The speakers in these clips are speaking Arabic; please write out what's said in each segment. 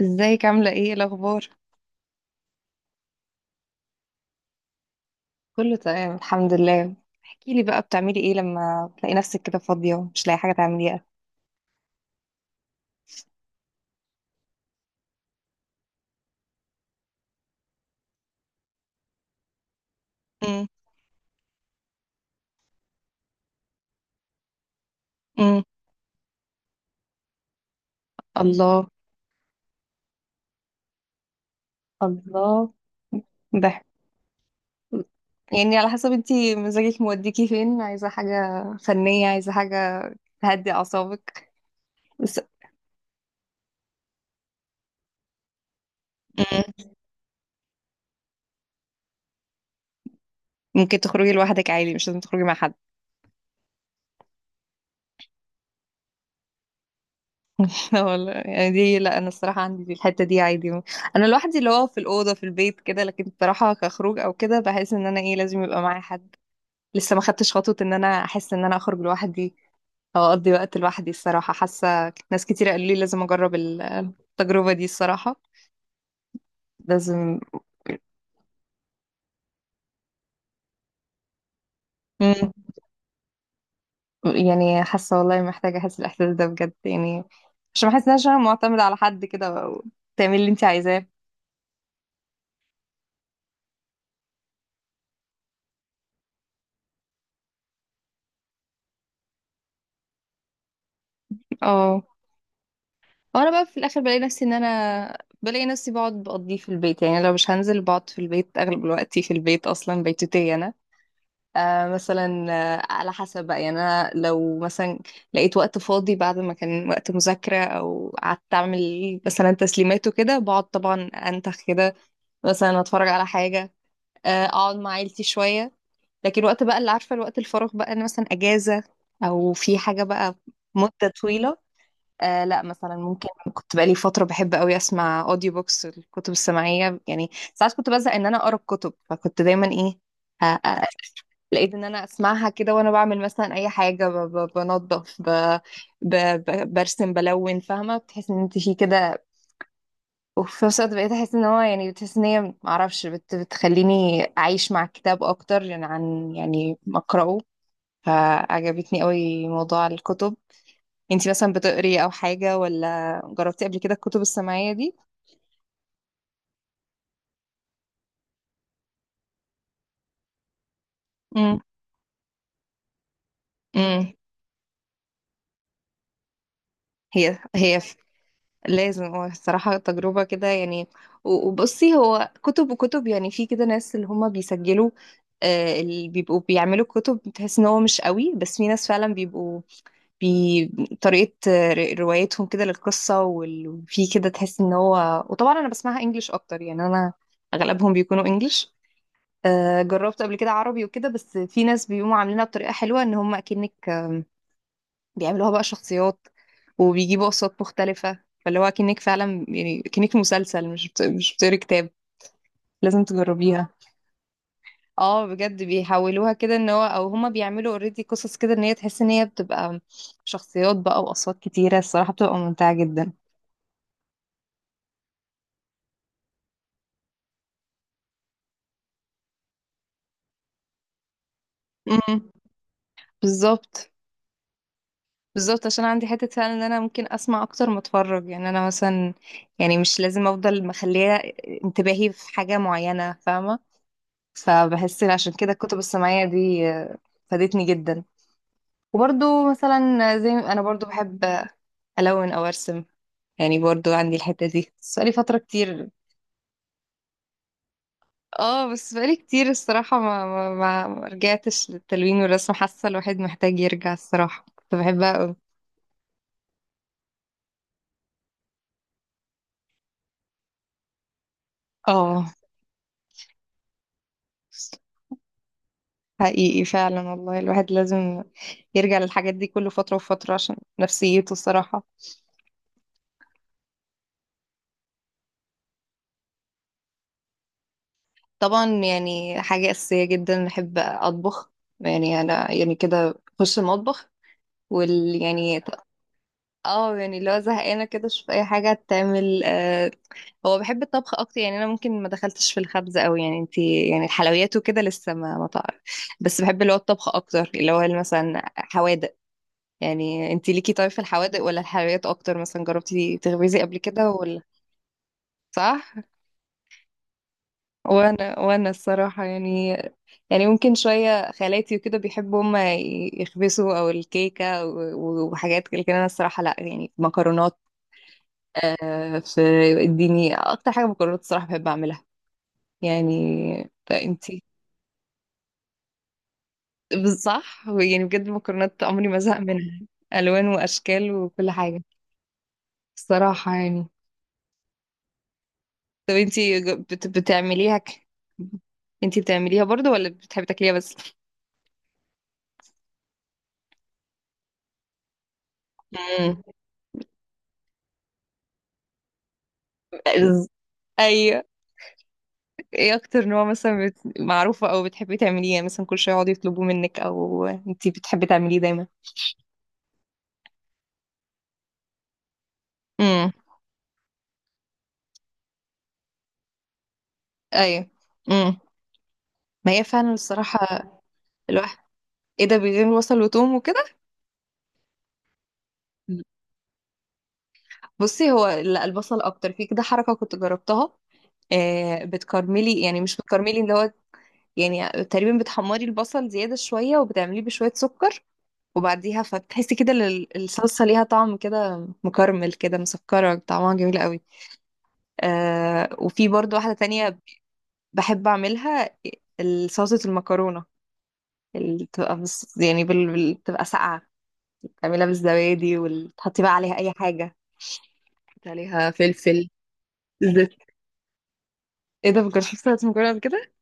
ازيك عاملة ايه الأخبار؟ كله تمام الحمد لله. احكيلي بقى بتعملي ايه لما تلاقي نفسك كده فاضية ومش لاقي حاجة تعمليها. امم امم الله. الله. ده. يعني على حسب انتي مزاجك موديكي فين، عايزة حاجة فنية، عايزة حاجة تهدي أعصابك بس. امم ممكن تخرجي لوحدك عادي؟ مش لازم تخرجي مع حد. لا والله، يعني دي لا، أنا الصراحة عندي في الحتة دي عادي. أنا لوحدي اللي هو في الأوضة في البيت كده، لكن الصراحة كخروج أو كده بحس إن أنا ايه لازم يبقى معايا حد. لسه ما خدتش خطوة ان انا احس ان انا اخرج لوحدي او اقضي وقت لوحدي. الصراحة حاسة ناس كتير قالوا لي لازم اجرب التجربة دي الصراحة. لازم. مم. يعني حاسة والله محتاجة احس الاحساس ده بجد يعني، عشان ما احسش ان انا معتمدة على حد كده او تعمل اللي انت عايزاه. اه. وانا بقى في الاخر بلاقي نفسي ان انا بلاقي نفسي بقعد بقضيه في البيت، يعني لو مش هنزل بقعد في البيت اغلب الوقت، في البيت اصلا، بيتوتية انا. آه مثلا، على حسب بقى، يعني انا لو مثلا لقيت وقت فاضي بعد ما كان وقت مذاكرة او قعدت اعمل مثلا تسليمات وكده، بقعد طبعا انتخ كده. مثلا اتفرج على حاجة. آه اقعد مع عيلتي شوية. لكن وقت بقى اللي عارفة، الوقت الفراغ بقى انا مثلا اجازة او في حاجة بقى مدة طويلة. آه لا مثلا ممكن، كنت بقالي فترة بحب قوي اسمع اوديو بوكس، الكتب السمعية يعني. ساعات كنت بزهق ان انا اقرا الكتب فكنت دايما ايه، آه، آه، لقيت ان انا اسمعها كده وانا بعمل مثلا اي حاجه، بنظف، ب... برسم بلون، فاهمه؟ بتحس ان انت في كده. وفي نفس الوقت بقيت احس ان هو يعني، بتحس ان هي معرفش بتخليني اعيش مع الكتاب اكتر، يعني عن يعني ما اقراه. فعجبتني قوي موضوع الكتب. انت مثلا بتقري او حاجه ولا جربتي قبل كده الكتب السماعيه دي؟ امم امم هي لازم هو الصراحة تجربة كده يعني. وبصي هو كتب وكتب يعني. في كده ناس اللي هما بيسجلوا آه، اللي بيبقوا بيعملوا كتب بتحس ان هو مش قوي، بس في ناس فعلا بيبقوا طريقة روايتهم كده للقصة وفي كده تحس ان هو، وطبعا انا بسمعها انجليش اكتر يعني انا اغلبهم بيكونوا انجليش. آه، جربت قبل كده عربي وكده، بس في ناس بيقوموا عاملينها بطريقة حلوة ان هم اكنك بيعملوها بقى شخصيات وبيجيبوا أصوات مختلفة، فاللي هو كأنك فعلا يعني كأنك في مسلسل، مش بتقري كتاب. لازم تجربيها. اه بجد بيحولوها كده، ان هو او هما بيعملوا اوريدي قصص كده، ان هي تحس ان هي بتبقى شخصيات بقى، واصوات كتيره. الصراحه بتبقى ممتعه جدا. امم بالظبط. بالظبط عشان عندي حته فعلا ان انا ممكن اسمع اكتر ما اتفرج، يعني انا مثلا يعني مش لازم افضل مخليه انتباهي في حاجه معينه، فاهمه؟ فبحس إن عشان كده الكتب السمعية دي فادتني جدا. وبرضو مثلا زي ما انا برضو بحب الون او ارسم، يعني برضو عندي الحتة دي بس بقالي فترة كتير. اه بس بقالي كتير الصراحة، ما رجعتش للتلوين والرسم. حاسة الواحد محتاج يرجع الصراحة، كنت بحبها قوي. اه، حقيقي فعلا والله الواحد لازم يرجع للحاجات دي كل فترة وفترة عشان نفسيته الصراحة. طبعا يعني حاجة أساسية جدا، بحب أطبخ. يعني أنا يعني كده أخش المطبخ. وال يعني ط- اه يعني لو زهقانة كده أشوف أي حاجة تعمل. هو بحب الطبخ أكتر. يعني أنا ممكن ما دخلتش في الخبز أوي، يعني انتي يعني الحلويات وكده لسه ما تعرف. بس بحب اللي هو الطبخ أكتر، اللي هو مثلا حوادق. يعني انتي ليكي طيب في الحوادق ولا الحلويات أكتر؟ مثلا جربتي تخبزي قبل كده ولا؟ صح؟ وانا الصراحه يعني، يعني ممكن شويه خالاتي وكده بيحبوا هما يخبزوا او الكيكه وحاجات كده، لكن انا الصراحه لا. يعني مكرونات آه، في اديني اكتر حاجه مكرونات الصراحه بحب اعملها. يعني انتي، صح، يعني بجد المكرونات عمري ما زهق منها. الوان واشكال وكل حاجه. الصراحه يعني، طب انتي بتعمليها انتي بتعمليها برضو ولا بتحبي تاكليها بس؟ مم. ايوه. ايه اكتر نوع مثلا معروفة او بتحبي تعمليه، يعني مثلا كل شوية يقعدوا يطلبوه منك او انتي بتحبي تعمليه دايما؟ امم ايوه. امم ما هي فعلا الصراحة الواحد. ايه ده، بيعمل بصل وتوم وكده؟ بصي هو لا، البصل اكتر. في كده حركة كنت جربتها، آه بتكرملي، يعني مش بتكرملي اللي هو، يعني تقريبا بتحمري البصل زيادة شوية وبتعمليه بشوية سكر وبعديها، فبتحسي كده الصلصة ليها طعم كده مكرمل كده مسكرة، طعمها جميل قوي. آه، وفي برضو واحدة تانية بحب اعملها، صلصة المكرونة اللي بتبقى بس يعني بتبقى ساقعة، تعملها بالزبادي وتحطي بقى عليها اي حاجة، تحطي عليها فلفل زيت. ايه ده، مكنتش شفت صلصة المكرونة قبل كده.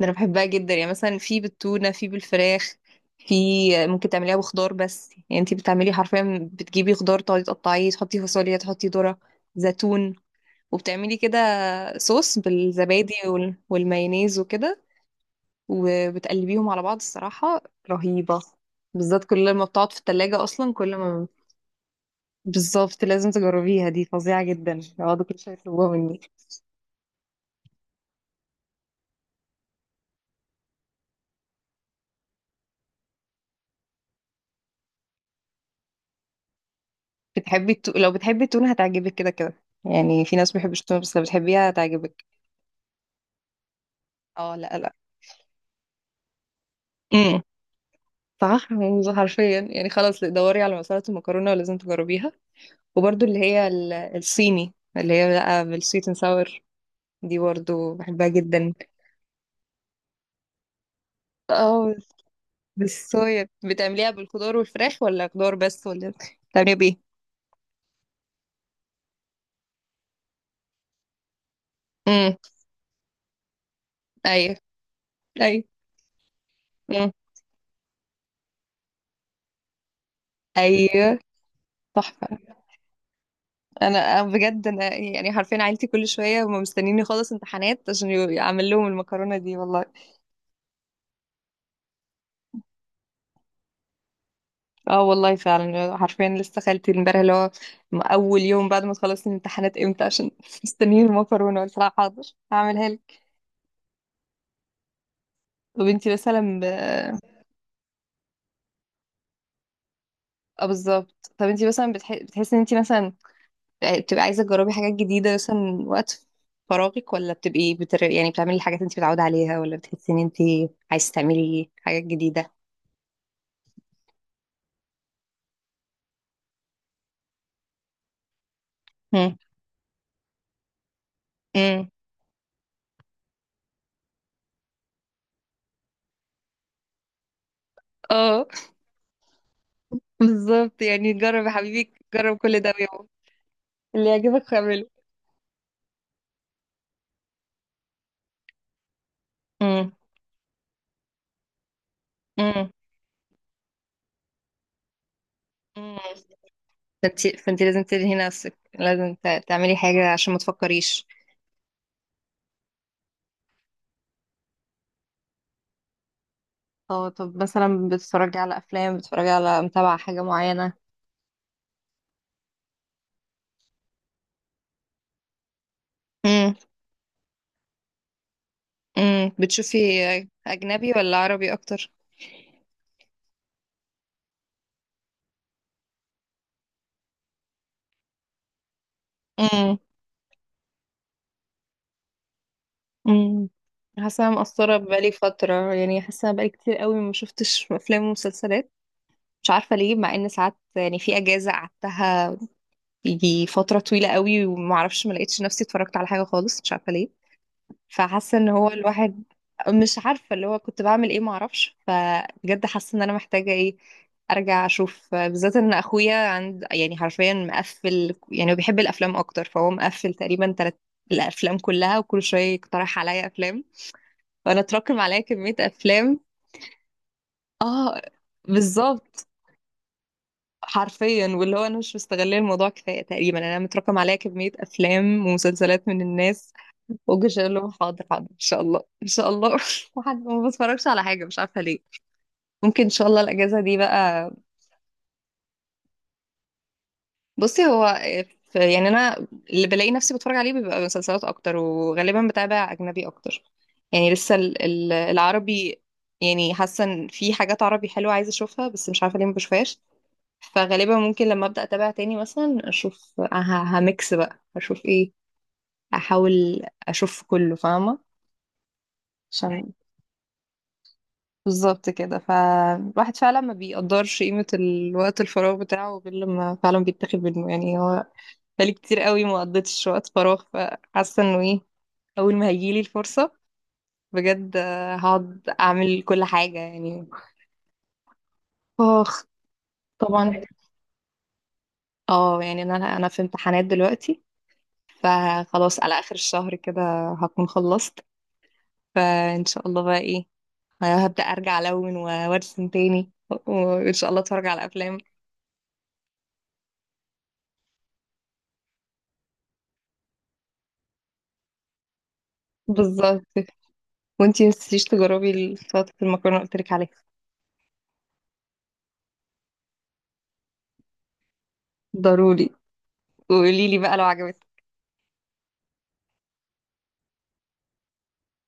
ده انا بحبها جدا، يعني مثلا في بالتونة، في بالفراخ، في ممكن تعمليها بخضار بس. يعني انتي بتعملي حرفيا بتجيبي خضار تقعدي تقطعيه، تحطي فاصوليا، تحطي ذرة، زيتون. وبتعملي كده صوص بالزبادي والمايونيز وكده، وبتقلبيهم على بعض. الصراحة رهيبة، بالذات كل ما بتقعد في التلاجة أصلا كل ما. بالظبط، لازم تجربيها دي، فظيعة جدا، يقعدوا كل شوية يطلبوها مني. بتحبي لو بتحبي التونة هتعجبك كده كده، يعني في ناس ما بيحبوش التونة بس لو بتحبيها هتعجبك. اه لا لا. امم صح، يعني حرفيا يعني، خلاص دوري على مسألة المكرونة ولازم تجربيها. وبرده اللي هي الصيني اللي هي بقى بالسويت اند ساور، دي برضه بحبها جدا. اه، بالصويا بتعمليها بالخضار والفراخ ولا خضار بس؟ ولا بتعمليها بايه؟ امم ايوه. ايوه. امم ايوه. تحفه. انا بجد، انا يعني حرفيا عيلتي كل شويه هم مستنيني اخلص امتحانات عشان اعمل لهم المكرونه دي والله. اه والله فعلا حرفيا، لسه خالتي امبارح اللي هو، اول يوم بعد ما تخلص الامتحانات امتى، عشان مستنيين المكرونه، قلت لها حاضر، هعملها لك. طب انتي مثلا اه بالظبط، طب انتي مثلا بتحسي ان انتي مثلا بتبقى عايزة تجربي حاجات جديدة مثلا من وقت فراغك، ولا بتبقي يعني بتعملي الحاجات انت متعودة عليها، ولا بتحسي ان انت عايزة تعملي حاجات جديدة؟ مم. مم. اه بالظبط، يعني جرب يا حبيبي، جرب كل ده ويوم اللي يعجبك اعمله. مم. مم. مم. فانت لازم تلهي نفسك، لازم تعملي حاجة عشان ما تفكريش. اه، طب مثلا بتتفرجي على افلام، بتتفرجي على متابعة حاجة معينة؟ مم. مم. بتشوفي اجنبي ولا عربي اكتر؟ امم امم حاسه أنا مقصره بقالي فتره. يعني حاسه بقالي كتير قوي ما شفتش افلام ومسلسلات، مش عارفه ليه، مع ان ساعات يعني في اجازه قعدتها يجي فتره طويله قوي وما اعرفش، ما لقيتش نفسي اتفرجت على حاجه خالص، مش عارفه ليه. فحاسه ان هو الواحد، مش عارفه اللي هو كنت بعمل ايه ما اعرفش، فبجد حاسه ان انا محتاجه ايه ارجع اشوف. بالذات ان اخويا عند، يعني حرفيا مقفل، يعني هو بيحب الافلام اكتر، فهو مقفل تقريبا تلات الافلام كلها، وكل شويه يقترح عليا افلام، فانا اتراكم عليا كمية افلام. اه بالظبط، حرفيا واللي هو انا مش مستغله الموضوع كفايه تقريبا، يعني انا متراكم عليا كميه افلام ومسلسلات من الناس واجي اقول لهم حاضر حاضر، ان شاء الله ان شاء الله، وحد ما بتفرجش على حاجه مش عارفه ليه. ممكن ان شاء الله الاجازه دي بقى. بصي هو يعني انا، اللي بلاقي نفسي بتفرج عليه بيبقى مسلسلات اكتر، وغالبا بتابع اجنبي اكتر، يعني لسه العربي، يعني حاسه ان في حاجات عربي حلوه عايزه اشوفها، بس مش عارفه ليه ما بشوفهاش. فغالبا ممكن لما ابدا اتابع تاني مثلا اشوف هميكس بقى، اشوف ايه، احاول اشوف كله، فاهمه؟ عشان بالظبط كده. فالواحد فعلا ما بيقدرش قيمه الوقت الفراغ بتاعه غير لما فعلا بيتاخد منه، يعني هو بقالي كتير قوي ما قضيتش وقت فراغ، فحاسه انه ايه، اول ما هيجيلي الفرصه بجد هقعد اعمل كل حاجه يعني. اخ. طبعا، اه يعني انا في امتحانات دلوقتي، فخلاص على اخر الشهر كده هكون خلصت، فان شاء الله بقى ايه هبدأ ارجع الون وارسم تاني، وان شاء الله اتفرج على افلام. بالظبط، وانتي متنسيش تجربي السلطة المكرونة اللي قلت لك عليها. ضروري، وقولي لي بقى لو عجبتك.